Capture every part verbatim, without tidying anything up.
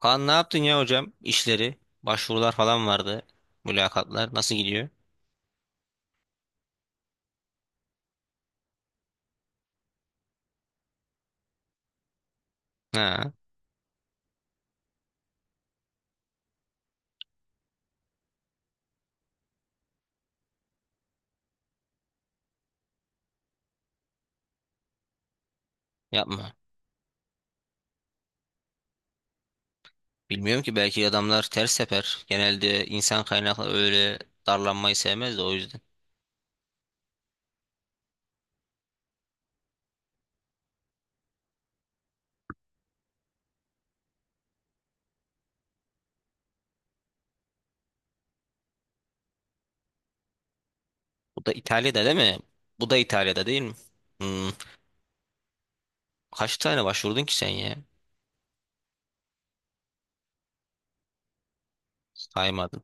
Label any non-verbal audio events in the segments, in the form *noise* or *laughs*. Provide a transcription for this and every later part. Kaan ne yaptın ya hocam? İşleri, başvurular falan vardı. Mülakatlar nasıl gidiyor? Ha, yapma. Bilmiyorum ki belki adamlar ters sefer. Genelde insan kaynakları öyle darlanmayı sevmez de o yüzden. Bu da İtalya'da değil mi? Bu da İtalya'da değil mi? Hmm, Kaç tane başvurdun ki sen ya? Saymadın.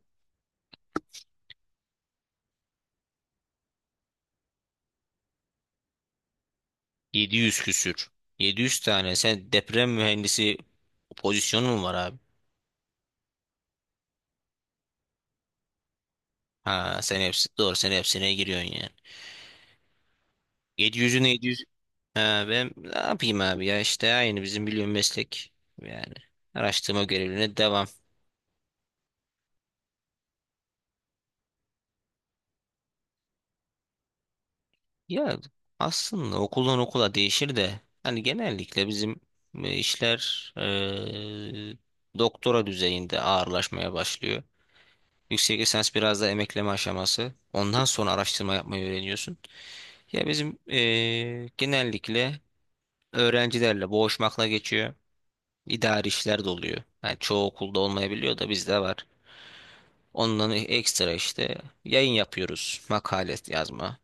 yedi yüz küsür. yedi yüz tane. Sen deprem mühendisi pozisyonu mu var abi? Ha, sen hepsi doğru. Sen hepsine giriyorsun yani. yedi yüzün yedi yüz. Ha, ben ne yapayım abi ya işte aynı bizim biliyorum meslek yani araştırma görevine devam. Ya aslında okuldan okula değişir de hani genellikle bizim e, işler e, doktora düzeyinde ağırlaşmaya başlıyor. Yüksek lisans biraz da emekleme aşaması. Ondan sonra araştırma yapmayı öğreniyorsun. Ya bizim e, genellikle öğrencilerle boğuşmakla geçiyor. İdari işler de oluyor. Yani çoğu okulda olmayabiliyor da bizde var. Ondan ekstra işte yayın yapıyoruz. Makale yazma.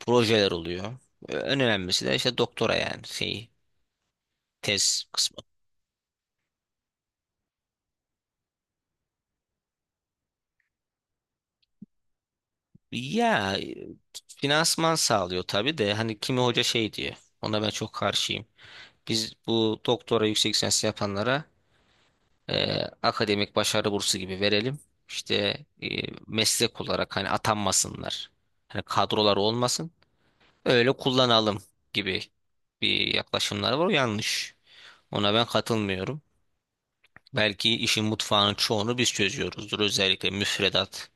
Projeler oluyor. Ee, En önemlisi de işte doktora yani şey tez kısmı. Ya e, finansman sağlıyor tabii de hani kimi hoca şey diyor. Ona ben çok karşıyım. Biz bu doktora yüksek lisans yapanlara e, akademik başarı bursu gibi verelim. İşte e, meslek olarak hani atanmasınlar. Hani kadrolar olmasın. Öyle kullanalım gibi bir yaklaşımlar var. O yanlış. Ona ben katılmıyorum. Belki işin mutfağının çoğunu biz çözüyoruzdur. Özellikle müfredat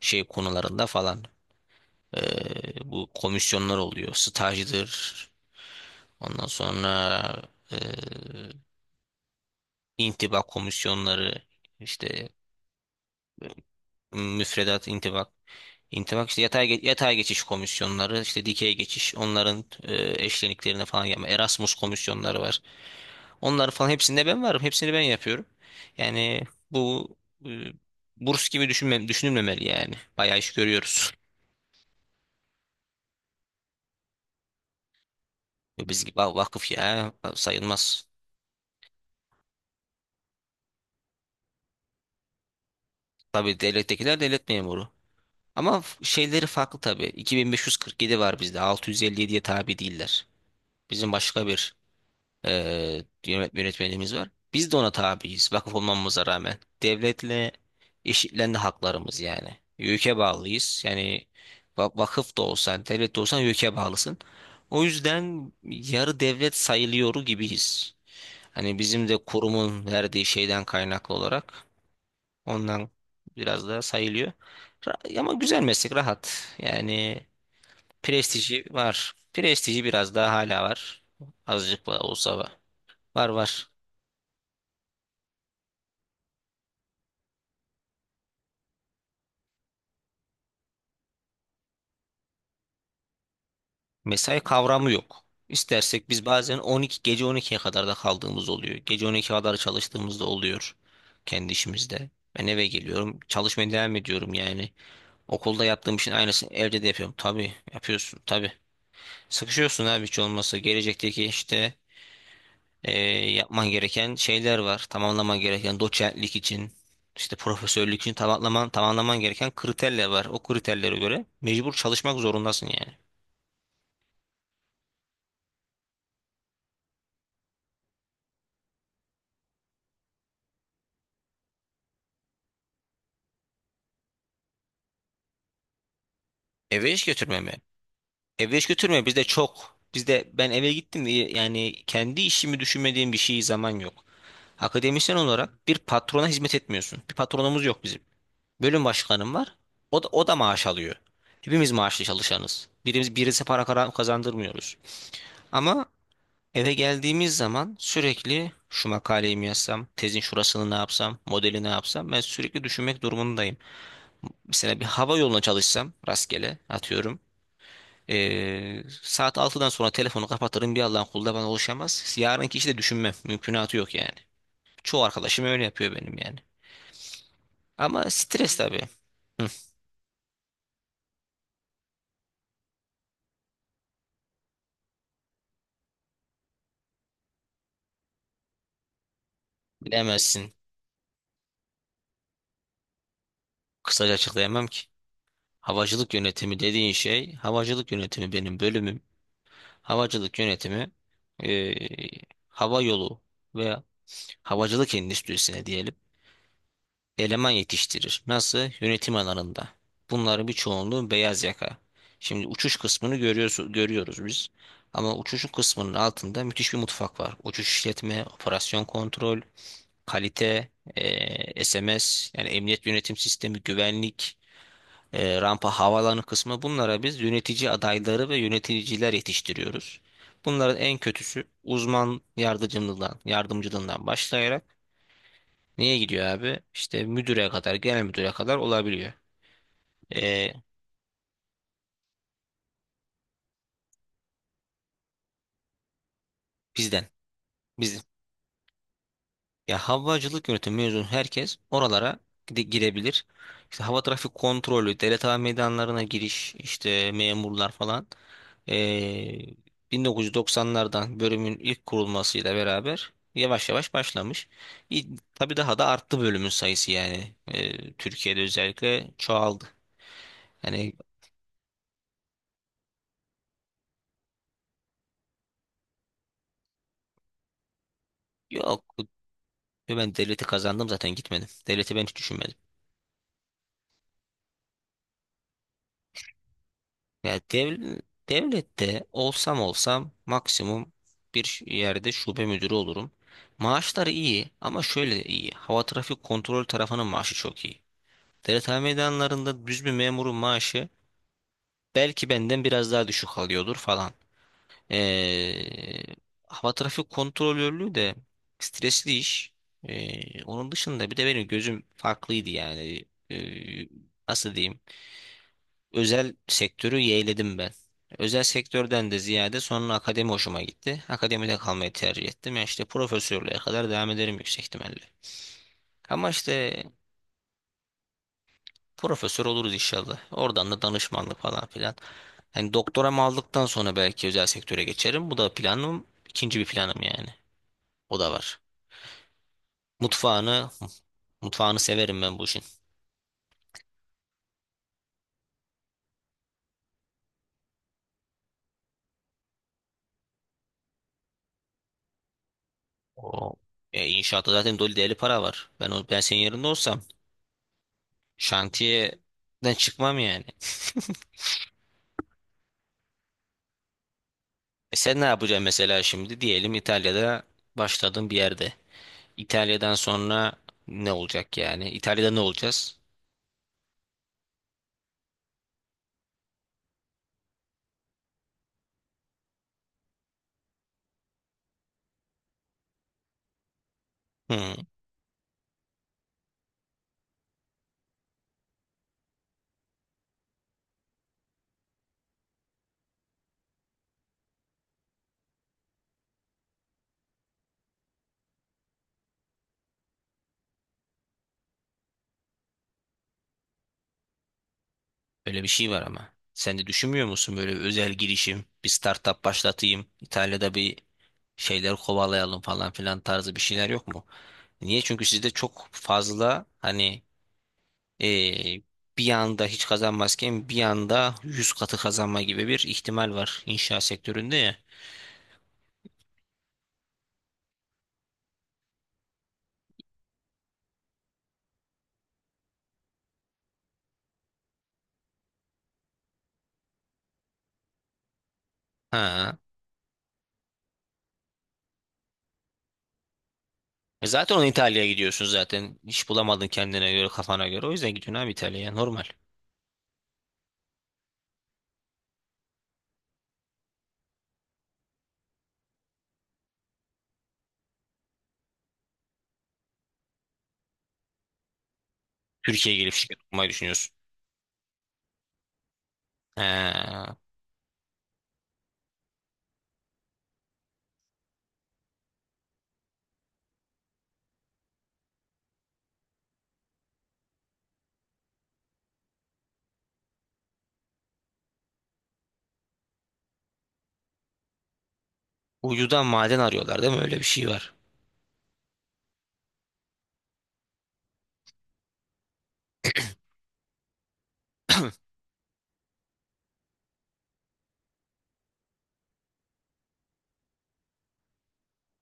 şey konularında falan. Ee, bu komisyonlar oluyor. Stajdır. Ondan sonra ee, intibak komisyonları işte müfredat intibak İntibak işte yatay, ge- yatay geçiş komisyonları, işte dikey geçiş onların e, eşleniklerine falan yapma, Erasmus komisyonları var. Onları falan hepsinde ben varım. Hepsini ben yapıyorum. Yani bu e, burs gibi düşünme, düşünülmemeli yani. Bayağı iş görüyoruz. E, Biz gibi "Aa, vakıf ya sayılmaz." Tabii devlettekiler devlet memuru. Ama f- şeyleri farklı tabii. iki bin beş yüz kırk yedi var bizde. altı yüz elli yediye tabi değiller. Bizim başka bir e, yönet- yönetmeliğimiz var. Biz de ona tabiiz vakıf *laughs* olmamıza rağmen. Devletle eşitlendi haklarımız yani. YÖK'e bağlıyız. Yani va- vakıf da olsan, devlet de olsan YÖK'e bağlısın. O yüzden yarı devlet sayılıyor gibiyiz. Hani bizim de kurumun verdiği şeyden kaynaklı olarak ondan biraz daha sayılıyor. Ra- Ama güzel meslek, rahat. Yani prestiji var. Prestiji biraz daha hala var. Azıcık da olsa var. Var var. Mesai kavramı yok. İstersek biz bazen on iki, gece on ikiye kadar da kaldığımız oluyor. Gece on ikiye kadar çalıştığımız da oluyor kendi işimizde. Ben eve geliyorum, çalışmaya devam ediyorum yani. Okulda yaptığım işin aynısını evde de yapıyorum. Tabii yapıyorsun tabii. Sıkışıyorsun abi hiç olmazsa. Gelecekteki işte eee, yapman gereken şeyler var. Tamamlaman gereken doçentlik için, işte profesörlük için tamamlaman, tamamlaman gereken kriterler var. O kriterlere göre mecbur çalışmak zorundasın yani. Eve iş götürmem Eve hiç götürme bizde çok. Bizde ben eve gittim, y- yani kendi işimi düşünmediğim bir şey zaman yok. Akademisyen olarak bir patrona hizmet etmiyorsun. Bir patronumuz yok bizim. Bölüm başkanım var. O da, o da maaş alıyor. Hepimiz maaşlı çalışanız. Birimiz birisi para kara- kazandırmıyoruz. Ama eve geldiğimiz zaman sürekli şu makaleyi mi yazsam, tezin şurasını ne yapsam, modeli ne yapsam, ben sürekli düşünmek durumundayım. Mesela bir hava yoluna çalışsam, rastgele atıyorum. Ee, saat altıdan sonra telefonu kapatırım, bir Allah'ın kulu da bana ulaşamaz. Yarınki işi de düşünmem. Mümkünatı yok yani. Çoğu arkadaşım öyle yapıyor benim yani. Ama stres tabii. Hı, bilemezsin. Kısaca açıklayamam ki. Havacılık yönetimi dediğin şey, havacılık yönetimi benim bölümüm. Havacılık yönetimi ee, hava yolu veya havacılık endüstrisine diyelim. Eleman yetiştirir. Nasıl? Yönetim alanında. Bunların bir çoğunluğu beyaz yaka. Şimdi uçuş kısmını görüyoruz, görüyoruz biz. Ama uçuşun kısmının altında müthiş bir mutfak var. Uçuş işletme, operasyon kontrol, kalite, eee, S M S, yani emniyet yönetim sistemi, güvenlik, eee, rampa, havaalanı kısmı, bunlara biz yönetici adayları ve yöneticiler yetiştiriyoruz. Bunların en kötüsü uzman yardımcılığından, yardımcılığından başlayarak, niye gidiyor abi, İşte müdüre kadar, genel müdüre kadar olabiliyor. Ee, Bizden. Biz. Ya havacılık yönetimi mezun herkes oralara gide- girebilir. İşte hava trafik kontrolü, devlet hava meydanlarına giriş, işte memurlar falan. Ee, bin dokuz yüz doksanlardan, bölümün ilk kurulmasıyla beraber yavaş yavaş başlamış. İ- Tabii daha da arttı bölümün sayısı yani. Ee, Türkiye'de özellikle çoğaldı. Yani yok, ben devleti kazandım zaten, gitmedim. Devleti ben hiç düşünmedim. Ya dev- devlette olsam olsam maksimum bir ş- yerde şube müdürü olurum. Maaşları iyi ama şöyle iyi. Hava trafik kontrol tarafının maaşı çok iyi. Devlet meydanlarında düz bir memurun maaşı belki benden biraz daha düşük alıyordur falan. Ee, Hava trafik kontrolörlüğü de stresli iş. Ee, onun dışında bir de benim gözüm farklıydı yani. Ee, Nasıl diyeyim? Özel sektörü yeğledim ben. Özel sektörden de ziyade sonra akademi hoşuma gitti. Akademide kalmayı tercih ettim. Yani işte profesörlüğe kadar devam ederim yüksek ihtimalle. Ama işte profesör oluruz inşallah. Oradan da danışmanlık falan filan. Hani doktoramı aldıktan sonra belki özel sektöre geçerim. Bu da planım. İkinci bir planım yani. O da var. Mutfağını, mutfağını severim ben bu işin. O, e, inşaatta zaten dolu deli para var. Ben o, ben senin yerinde olsam şantiyeden çıkmam yani. *laughs* E sen ne yapacaksın mesela şimdi? Diyelim İtalya'da başladığın bir yerde. İtalya'dan sonra ne olacak yani? İtalya'da ne olacağız? Hmm, Öyle bir şey var ama. Sen de düşünmüyor musun, böyle bir özel girişim, bir startup başlatayım, İtalya'da bir şeyler kovalayalım falan filan tarzı bir şeyler yok mu? Niye? Çünkü sizde çok fazla hani, Ee, bir anda hiç kazanmazken bir anda yüz katı kazanma gibi bir ihtimal var inşaat sektöründe ya. Ha. E zaten onu İtalya'ya gidiyorsun zaten. İş bulamadın kendine göre, kafana göre. O yüzden gidiyorsun abi İtalya'ya, normal. Türkiye'ye gelip şirket kurmayı düşünüyorsun. Ha. Uyudan maden arıyorlar değil mi? Öyle bir şey var.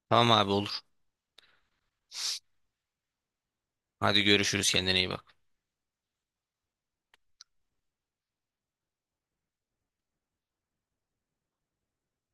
Tamam abi, olur. Hadi görüşürüz, kendine iyi bak.